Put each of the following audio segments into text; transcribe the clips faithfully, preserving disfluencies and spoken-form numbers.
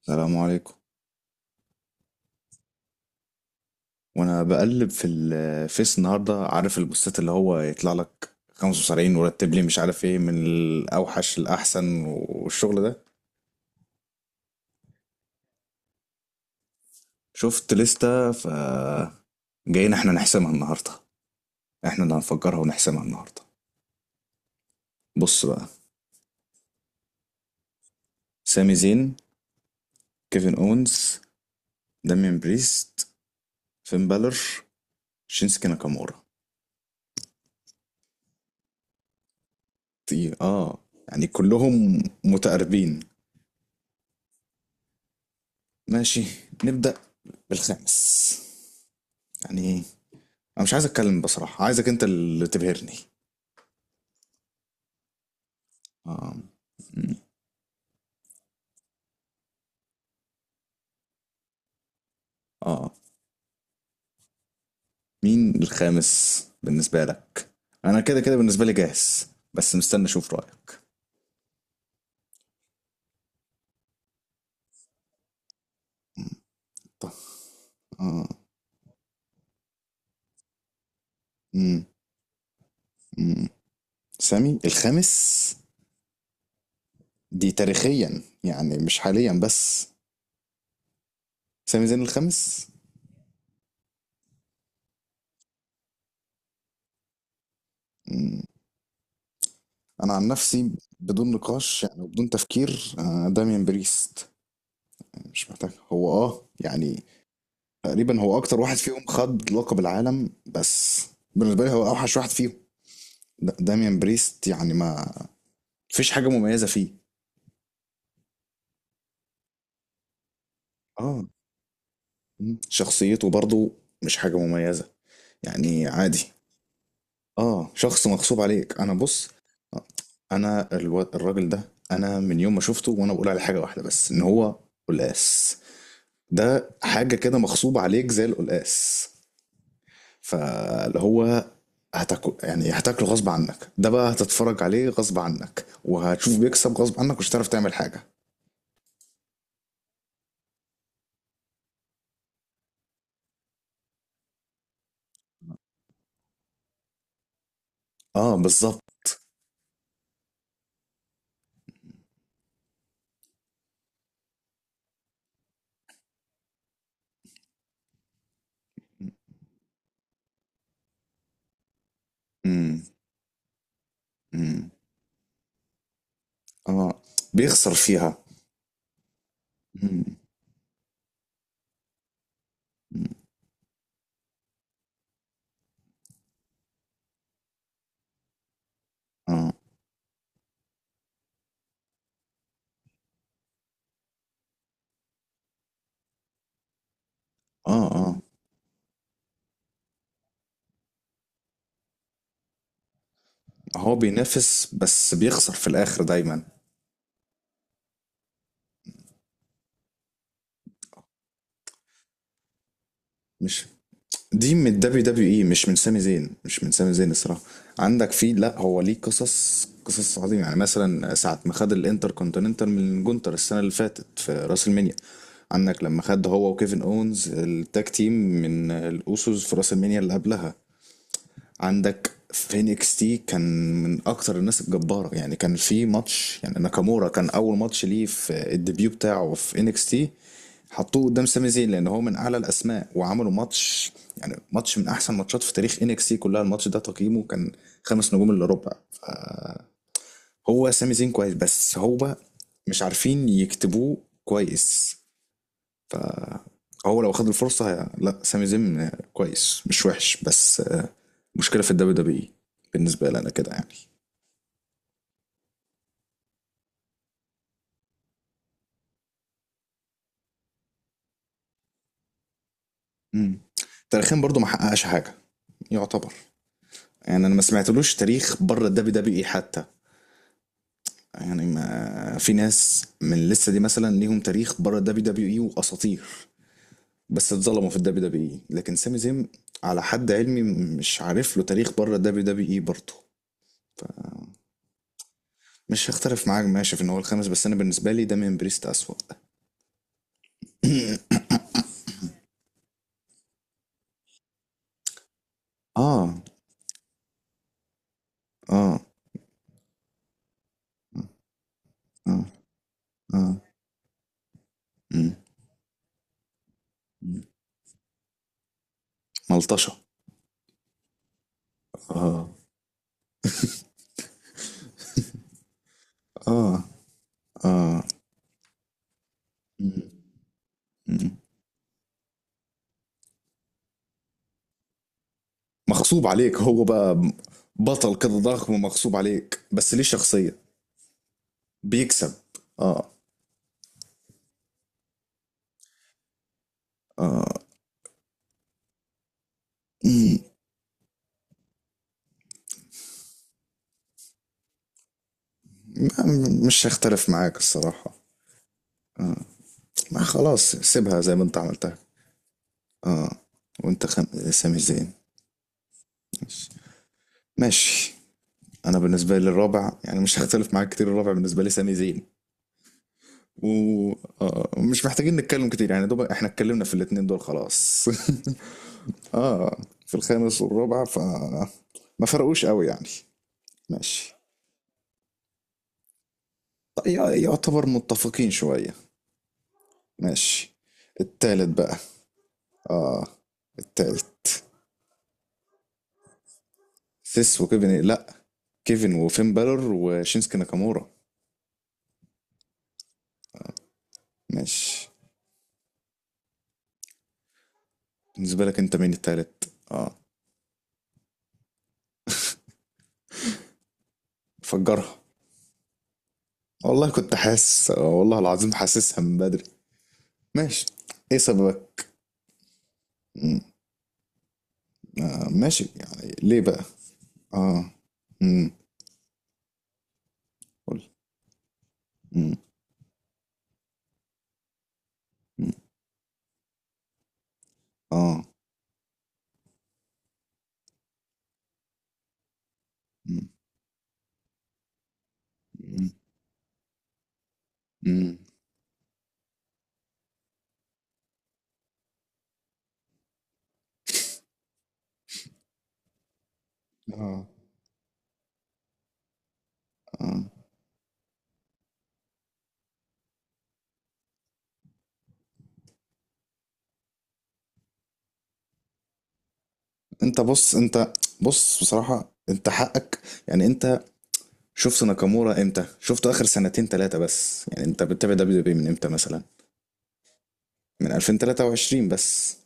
السلام عليكم. وانا بقلب في الفيس النهارده، عارف البوستات اللي هو يطلع لك خمس وسبعين ورتب لي، مش عارف ايه من الاوحش للاحسن والشغل ده. شفت لستة، ف جايين احنا نحسمها النهارده. احنا اللي هنفجرها ونحسمها النهارده. بص بقى. سامي زين، كيفن اونز، دامين بريست، فين بالر، شينسكي ناكامورا. طي- اه. يعني كلهم متقاربين. ماشي. نبدأ بالخامس. يعني انا مش عايز اتكلم بصراحة، عايزك انت اللي تبهرني. اه. مم. اه، مين الخامس بالنسبة لك؟ انا كده كده بالنسبة لي جاهز، بس مستني اشوف رأيك. اه. مم. مم. سامي الخامس. دي تاريخيا يعني مش حاليا بس. سامي زين الخامس. مم. انا عن نفسي بدون نقاش يعني وبدون تفكير آه، داميان بريست. مش محتاج هو اه يعني، تقريبا هو اكتر واحد فيهم خد لقب العالم بس. بالنسبه لي هو اوحش واحد فيهم. د- داميان بريست يعني ما فيش حاجه مميزه فيه. اه. مم. شخصيته برضو مش حاجه مميزه، يعني عادي. اه، شخص مغصوب عليك. انا بص. آه، انا الو... الراجل ده، انا من يوم ما شفته وانا بقول عليه حاجه واحده بس، ان هو قلقاس. ده حاجه كده مغصوب عليك زي القلقاس. فاللي هو هتاكل يعني هتاكله غصب عنك، ده بقى هتتفرج عليه غصب عنك، وهتشوف بيكسب غصب عنك، مش هتعرف تعمل حاجة. اه، بالظبط. امم. امم. اه. بيخسر فيها. امم. اه. اه. اه. هو بينافس بس بيخسر في الآخر دايما. مش. دي من الدبليو دبليو اي مش من سامي زين، مش من سامي زين الصراحه. عندك في لا، هو ليه قصص قصص عظيمه، يعني مثلا ساعه ما خد الانتر كونتيننتال من جونتر السنه اللي فاتت في راس المنيا. عندك لما خد هو وكيفن اونز التاج تيم من الاوسوس في راس المنيا اللي قبلها. عندك في انكس تي كان من اكتر الناس الجباره، يعني كان في ماتش، يعني ناكامورا كان اول ماتش ليه في الديبيو بتاعه في انكس تي، حطوه قدام سامي زين لان هو من اعلى الاسماء وعملوا ماتش. يعني ماتش من احسن ماتشات في تاريخ انكس تي كلها، الماتش ده تقييمه كان خمس نجوم الا ربع. فهو سامي زين كويس، بس هو مش عارفين يكتبوه كويس. هو لو خد الفرصة هي... لا، سامي زين آه، كويس، مش وحش، بس آه، مشكلة في الدبليو دبليو اي. بالنسبة لي أنا كده يعني. امم. تاريخيا برضو ما حققش حاجة، يعتبر. يعني أنا ما سمعتلوش تاريخ بره الدبليو دبليو إي حتى. يعني ما في ناس من اللسة دي مثلا ليهم تاريخ بره الدبليو دبليو إي وأساطير، بس اتظلموا في الدبليو دبليو إي، لكن سامي زين على حد علمي مش عارف له تاريخ بره الدبليو دبليو إي برضه. مش هختلف معاك ماشي في ان هو الخامس، بس انا بالنسبه لي ده من بريست اسوأ. اه. اه. اه. اه. مم. مم. ملطشة. اه. اه. اه. مم. مم. مغصوب عليك هو بقى، بطل كده ضخم ومغصوب عليك، بس ليه شخصية. بيكسب. اه. اه. مم. ما- مش هختلف معاك الصراحة، ما خلاص سيبها زي ما انت عملتها. اه. وانت خم... سامي زين. ماشي. ماشي. انا بالنسبة لي الرابع يعني مش هختلف معاك كتير، الرابع بالنسبة لي سامي زين. و... آه، ومش محتاجين نتكلم كتير، يعني دوب احنا اتكلمنا في الاتنين دول خلاص. اه، في الخامس والرابع، ف ما فرقوش قوي يعني. ماشي. طيب يع- يعتبر متفقين شوية. ماشي. التالت بقى. اه. التالت. سيس وكيفن لا، كيفن وفين بالور وشينسكي ناكامورا. ماشي. بالنسبة لك انت، مين التالت؟ اه. فجرها. والله كنت حاسس، والله العظيم حاسسها من بدري. ماشي. ايه سببك؟ ماشي، يعني ليه بقى؟ اه. امم. قول. امم. أمم. اه. امم. أمم. أمم. اه. اه. انت بص، انت. بص بصراحة انت حقك. يعني انت شفت ناكامورا امتى؟ شفته اخر سنتين ثلاثة بس، يعني انت بتتابع دبليو دبليو من امتى مثلا؟ من ألفين وتلاتة وعشرين بس.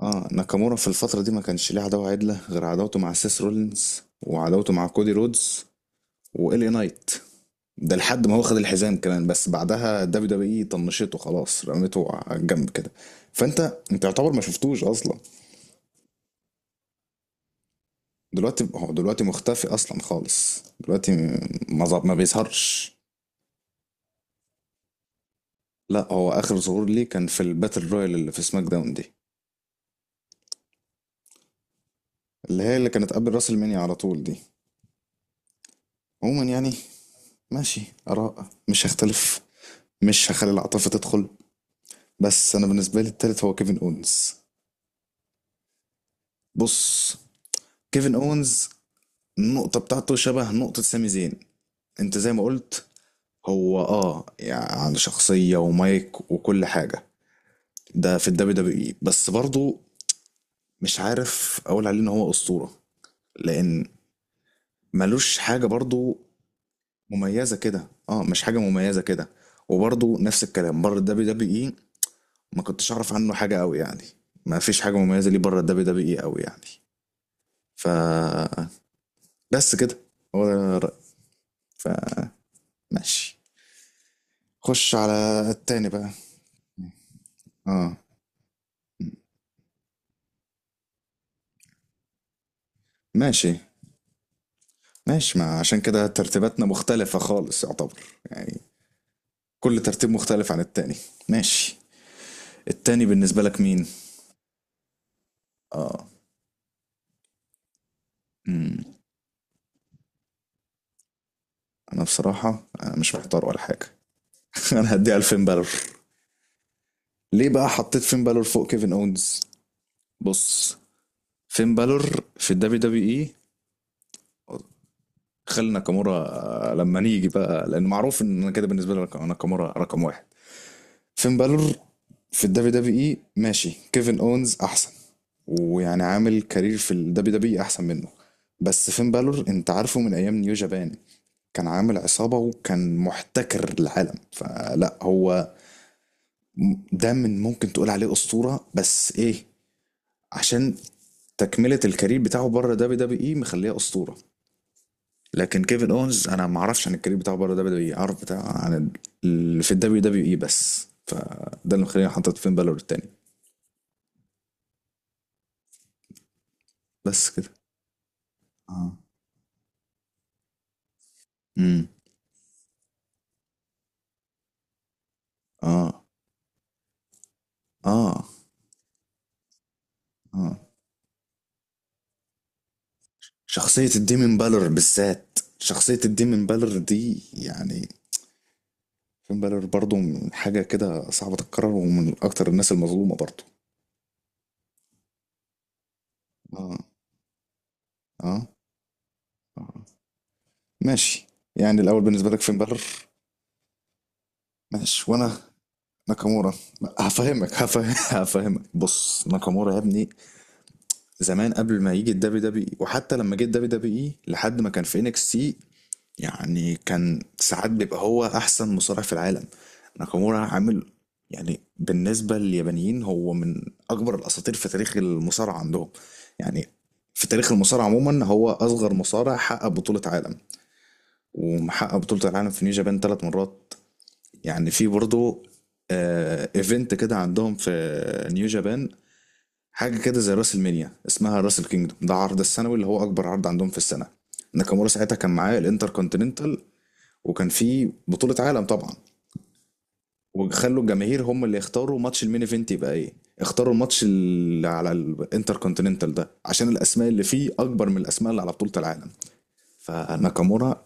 اه، ناكامورا في الفترة دي ما كانش ليه عداوة عدلة غير عداوته مع سيس رولينز وعداوته مع كودي رودز وإلي نايت. ده لحد ما هو خد الحزام كمان، بس بعدها دبليو دبليو اي طنشته خلاص، رميته على الجنب كده. فانت انت يعتبر ما شفتوش اصلا. دلوقتي هو دلوقتي مختفي اصلا خالص دلوقتي. ما ظ- ما بيظهرش. لا، هو اخر ظهور ليه كان في الباتل رويال اللي في سماك داون دي، اللي هي اللي كانت قبل راس المانيا على طول دي. عموما يعني. ماشي. اراء مش هختلف، مش هخلي العاطفه تدخل. بس انا بالنسبه لي التالت هو كيفن اونز. بص، كيفن اونز النقطه بتاعته شبه نقطه سامي زين. انت زي ما قلت، هو اه يعني عنده شخصية ومايك وكل حاجة، ده في الدبليو دبليو اي. بس برضه مش عارف اقول عليه ان هو اسطورة، لان ملوش حاجة برضه مميزة كده، اه، مش حاجة مميزة كده. وبرضه نفس الكلام بره الدبليو دبليو اي، ما كنتش اعرف عنه حاجة قوي يعني، ما فيش حاجة مميزة ليه بره الدبليو دبليو اي قوي يعني. ف بس كده، هو ده رأيي. ف ماشي. خش على التاني بقى. اه. ماشي. ماشي، ما عشان كده ترتيباتنا مختلفة خالص يعتبر، يعني كل ترتيب مختلف عن التاني. ماشي. التاني بالنسبة لك مين؟ اه. مم. انا بصراحة انا مش محتار ولا حاجة. انا هديها لفين بالور. ليه بقى حطيت فين بالور فوق كيفن اونز؟ بص، فين بالور في الدبليو دبليو اي، خلي ناكامورا لما نيجي بقى، لان معروف ان أنا كده بالنسبة لي ناكامورا رقم واحد. فين بالور في الدبليو دبليو اي ماشي، كيفن اونز احسن، ويعني عامل كارير في الدبليو دبليو اي احسن منه. بس فين بالور انت عارفه من ايام نيو جابان، كان عامل عصابة وكان محتكر العالم. فلا هو م- ده، من ممكن تقول عليه أسطورة، بس ايه؟ عشان تكملة الكارير بتاعه بره دبليو دبليو اي مخليه أسطورة. لكن كيفن اونز انا ما اعرفش عن الكارير بتاعه بره دبليو دبليو اي، اعرف بتاع عن ال- اللي في الدبليو دبليو اي بس. فده اللي مخليني حاطط فين بالور التاني. بس كده. اه. امم. اه. اه. اه. شخصية الديمن بالور بالذات، شخصية الديمن بالور دي يعني ديمن بالور برضو من حاجة كده صعبة تتكرر، ومن أكتر الناس المظلومة برضو. اه. اه. اه. ماشي. يعني الأول بالنسبة لك فين بالور؟ ماشي، وأنا ناكامورا. هفهمك هفهم- هفهمك. بص، ناكامورا يا ابني، زمان قبل ما يجي الدبليو دبليو اي وحتى لما جه الدبليو دبليو اي لحد ما كان في انكس تي، يعني كان ساعات بيبقى هو احسن مصارع في العالم. ناكامورا عامل، يعني بالنسبة لليابانيين هو من اكبر الاساطير في تاريخ المصارعة عندهم، يعني في تاريخ المصارعة عموما هو اصغر مصارع حقق بطولة عالم، ومحقق بطولة العالم في نيو جابان ثلاث مرات. يعني في برضه آه ايفنت كده عندهم في نيو جابان، حاجة كده زي راس المنيا اسمها راس الكينجدوم، ده عرض السنوي اللي هو اكبر عرض عندهم في السنة. ناكامورا ساعتها كان معاه الانتر، وكان في بطولة عالم طبعا، وخلوا الجماهير هم اللي يختاروا ماتش المين ايفنت يبقى ايه. اختاروا الماتش اللي على الانتر كونتيننتال ده، عشان الاسماء اللي فيه اكبر من الاسماء اللي على بطولة العالم. فناكامورا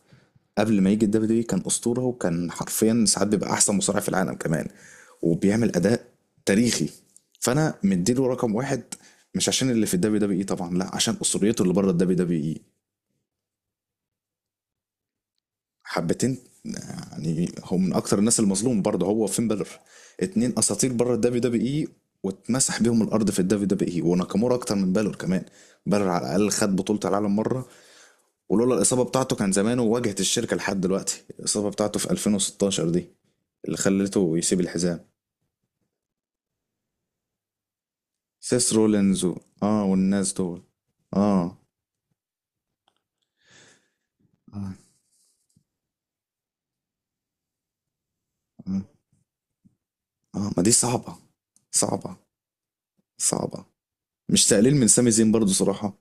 قبل ما يجي الدبليو دي كان اسطورة، وكان حرفيا ساعات بيبقى احسن مصارع في العالم كمان، وبيعمل اداء تاريخي. فانا مديله رقم واحد، مش عشان اللي في الدبليو دبليو اي طبعا، لا، عشان اسطوريته اللي بره الدبليو دبليو اي. حبتين. يعني هو من اكتر الناس المظلوم برضه، هو وفين بالر، اتنين اساطير بره الدبليو دبليو اي، واتمسح بيهم الارض في الدبليو دبليو اي، وناكامورا اكتر من بالر كمان. بالر على الاقل خد بطوله العالم مره. ولولا الاصابه بتاعته كان زمانه واجهت الشركه لحد دلوقتي. الاصابه بتاعته في ألفين وستاشر دي اللي خلته يسيب الحزام. سيس رولينز و- اه، والناس دول. اه. اه. اه. آه. ما دي صعبه، صعبه، صعبه. مش تقليل من سامي زين برضه صراحه،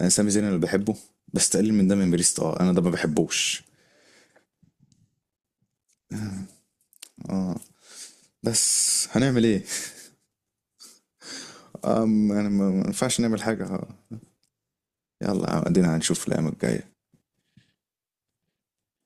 انا سامي زين اللي بحبه، بس تقليل من ده من بريست، اه، انا ده ما بحبوش. اه، بس هنعمل ايه؟ آه م- يعني ما ما ينفعش نعمل حاجة آه. يلا ادينا هنشوف الايام الجاية.